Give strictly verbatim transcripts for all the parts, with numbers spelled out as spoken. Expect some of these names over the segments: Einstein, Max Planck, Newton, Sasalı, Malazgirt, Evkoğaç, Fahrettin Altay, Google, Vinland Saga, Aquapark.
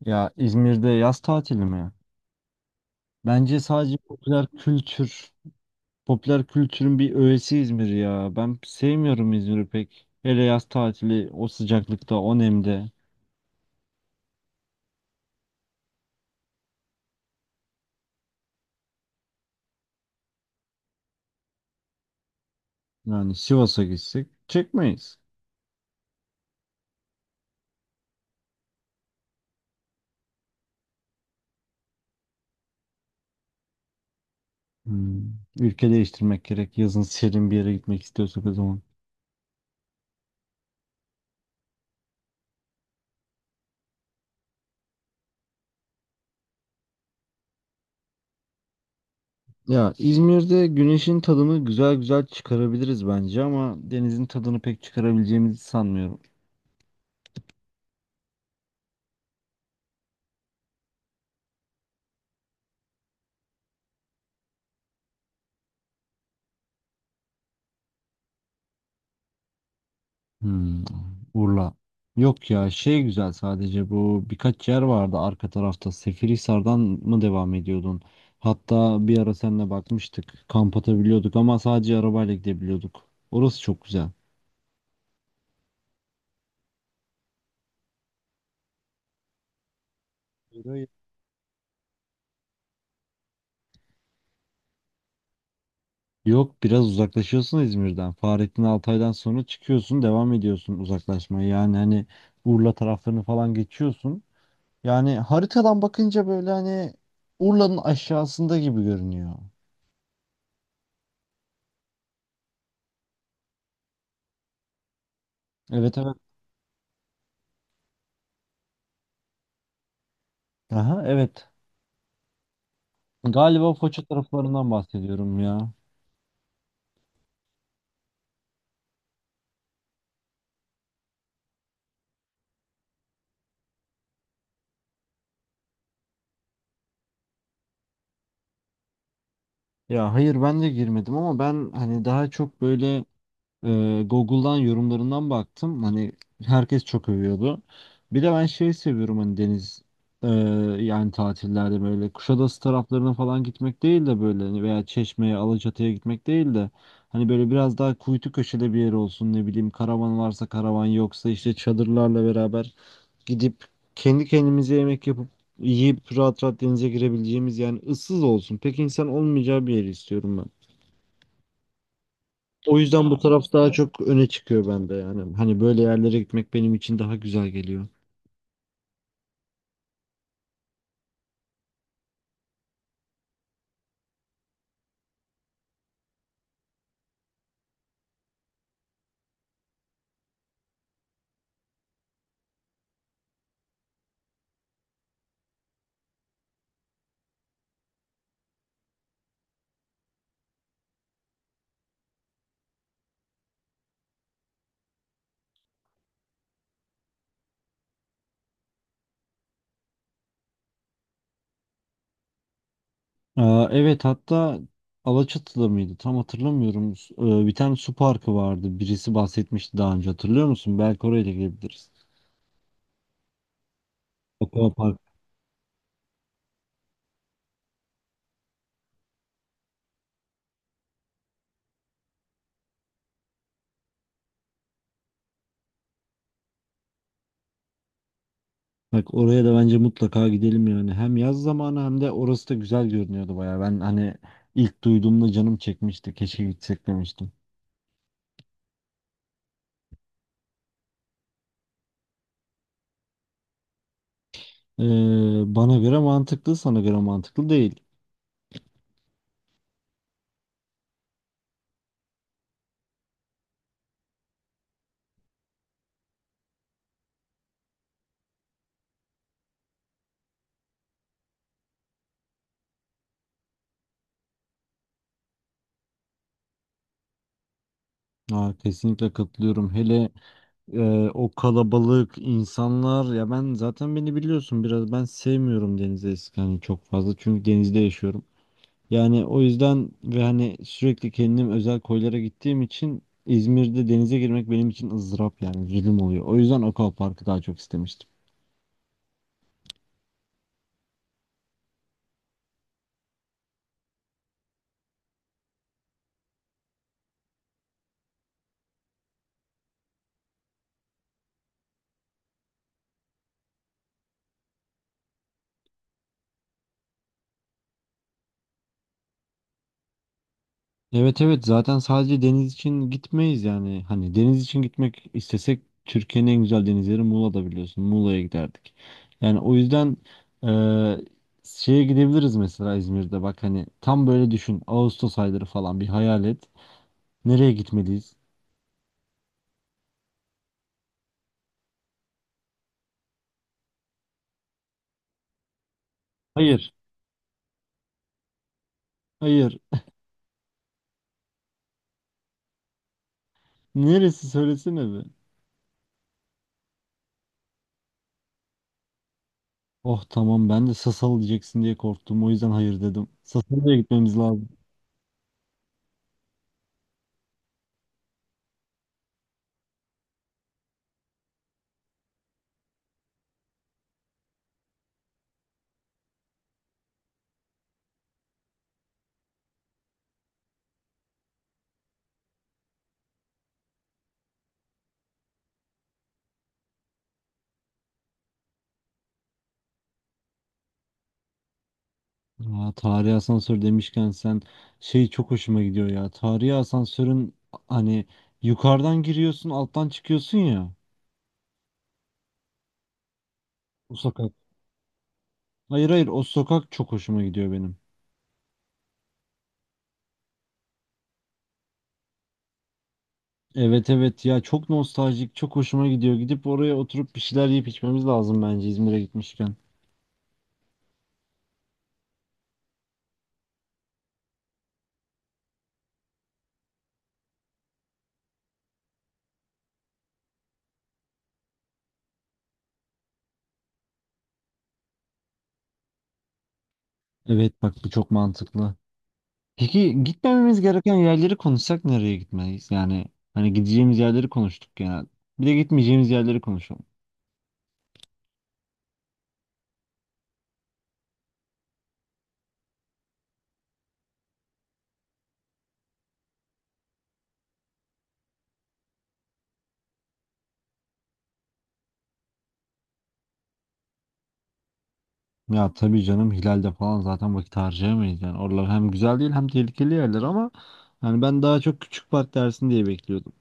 Ya İzmir'de yaz tatili mi? Bence sadece popüler kültür, popüler kültürün bir öğesi İzmir ya. Ben sevmiyorum İzmir'i pek. Hele yaz tatili o sıcaklıkta, o nemde. Yani Sivas'a gitsek çekmeyiz. Hmm. Ülke değiştirmek gerek. Yazın serin bir yere gitmek istiyorsak o zaman. Ya İzmir'de güneşin tadını güzel güzel çıkarabiliriz bence ama denizin tadını pek çıkarabileceğimizi sanmıyorum. Hmm, Urla. Yok ya şey güzel sadece bu birkaç yer vardı arka tarafta. Seferihisar'dan mı devam ediyordun? Hatta bir ara seninle bakmıştık. Kamp atabiliyorduk ama sadece arabayla gidebiliyorduk. Orası çok güzel. Buraya- Yok biraz uzaklaşıyorsun İzmir'den. Fahrettin Altay'dan sonra çıkıyorsun devam ediyorsun uzaklaşmaya. Yani hani Urla taraflarını falan geçiyorsun. Yani haritadan bakınca böyle hani Urla'nın aşağısında gibi görünüyor. Evet evet. Aha evet. Galiba Foça taraflarından bahsediyorum ya. Ya hayır ben de girmedim ama ben hani daha çok böyle e, Google'dan yorumlarından baktım. Hani herkes çok övüyordu. Bir de ben şey seviyorum hani deniz e, yani tatillerde böyle Kuşadası taraflarına falan gitmek değil de böyle hani veya Çeşme'ye, Alaçatı'ya gitmek değil de hani böyle biraz daha kuytu köşede bir yer olsun ne bileyim karavan varsa karavan yoksa işte çadırlarla beraber gidip kendi kendimize yemek yapıp yiyip rahat rahat denize girebileceğimiz yani ıssız olsun. Pek insan olmayacağı bir yeri istiyorum ben. O yüzden bu taraf daha çok öne çıkıyor bende yani. Hani böyle yerlere gitmek benim için daha güzel geliyor. Aa, evet hatta Alaçatı'da mıydı? Tam hatırlamıyorum. Su- e, bir tane su parkı vardı. Birisi bahsetmişti daha önce hatırlıyor musun? Belki oraya da gidebiliriz. Aquapark. Bak oraya da bence mutlaka gidelim yani. Hem yaz zamanı hem de orası da güzel görünüyordu baya. Ben hani ilk duyduğumda canım çekmişti. Keşke gitsek demiştim. Ee, bana göre mantıklı, sana göre mantıklı değil. Ha, kesinlikle katılıyorum. Hele e, o kalabalık insanlar ya ben zaten beni biliyorsun biraz ben sevmiyorum denize eski hani çok fazla çünkü denizde yaşıyorum. Yani o yüzden ve hani sürekli kendim özel koylara gittiğim için İzmir'de denize girmek benim için ızdırap yani zulüm oluyor. O yüzden Aquapark'ı daha çok istemiştim. Evet evet zaten sadece deniz için gitmeyiz yani. Hani deniz için gitmek istesek Türkiye'nin en güzel denizleri Muğla'da biliyorsun. Muğla'ya giderdik. Yani o yüzden eee, şeye gidebiliriz mesela İzmir'de. Bak hani tam böyle düşün. Ağustos ayları falan bir hayal et. Nereye gitmeliyiz? Hayır. Hayır. Neresi söylesene be. Oh tamam ben de Sasal diyeceksin diye korktum. O yüzden hayır dedim. Sasalı'ya gitmemiz lazım. Aa, tarihi asansör demişken sen şey çok hoşuma gidiyor ya. Tarihi asansörün hani yukarıdan giriyorsun alttan çıkıyorsun ya. O sokak. Hayır hayır o sokak çok hoşuma gidiyor benim. Evet evet ya çok nostaljik çok hoşuma gidiyor. Gidip oraya oturup bir şeyler yiyip içmemiz lazım bence İzmir'e gitmişken. Evet bak bu çok mantıklı. Peki gitmememiz gereken yerleri konuşsak nereye gitmeliyiz? Yani hani gideceğimiz yerleri konuştuk genel. Bir de gitmeyeceğimiz yerleri konuşalım. Ya tabii canım Hilal'de falan zaten vakit harcayamayız yani. Oralar hem güzel değil hem tehlikeli yerler ama yani ben daha çok küçük park dersin diye bekliyordum.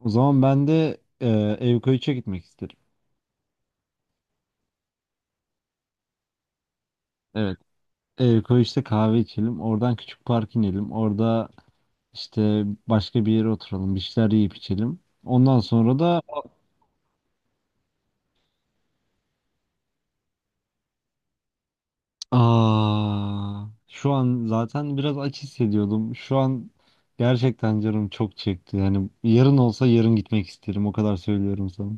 O zaman ben de e, Evkoğaç'a gitmek isterim. Evet. Evkoğaç'ta kahve içelim. Oradan küçük park inelim. Orada işte başka bir yere oturalım. Bir şeyler yiyip içelim. Ondan sonra da... Aa, şu an zaten biraz aç hissediyordum. Şu an gerçekten canım çok çekti. Yani yarın olsa yarın gitmek isterim. O kadar söylüyorum sana.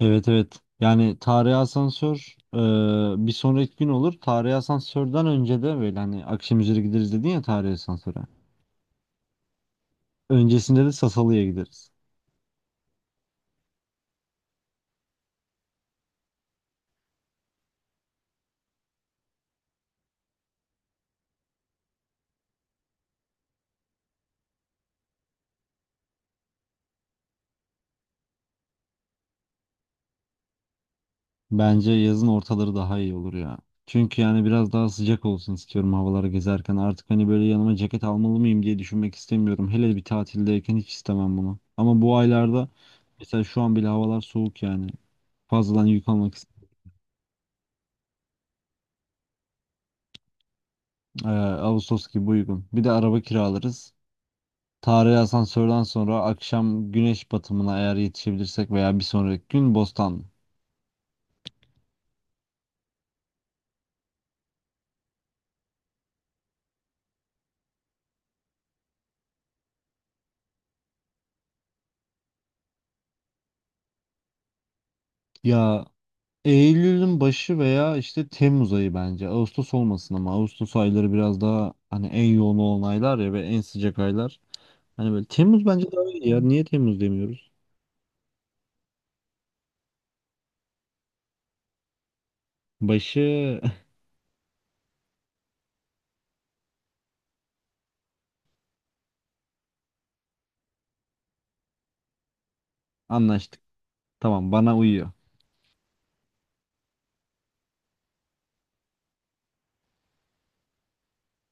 Evet evet. Yani tarihi asansör e, bir sonraki gün olur. Tarihi asansörden önce de böyle hani akşam üzeri gideriz dedin ya tarihi asansöre. Öncesinde de Sasalı'ya gideriz. Bence yazın ortaları daha iyi olur ya. Çünkü yani biraz daha sıcak olsun istiyorum havalara gezerken. Artık hani böyle yanıma ceket almalı mıyım diye düşünmek istemiyorum. Hele bir tatildeyken hiç istemem bunu. Ama bu aylarda mesela şu an bile havalar soğuk yani. Fazladan yük almak istemiyorum. Ee, Ağustos gibi uygun. Bir de araba kiralarız. Tarihi asansörden sonra akşam güneş batımına eğer yetişebilirsek veya bir sonraki gün Bostan. Ya Eylül'ün başı veya işte Temmuz ayı bence. Ağustos olmasın ama Ağustos ayları biraz daha hani en yoğun olan aylar ya ve en sıcak aylar. Hani böyle Temmuz bence daha iyi ya. Niye Temmuz demiyoruz? Başı. anlaştık. Tamam bana uyuyor.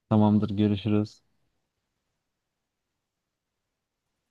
Tamamdır görüşürüz.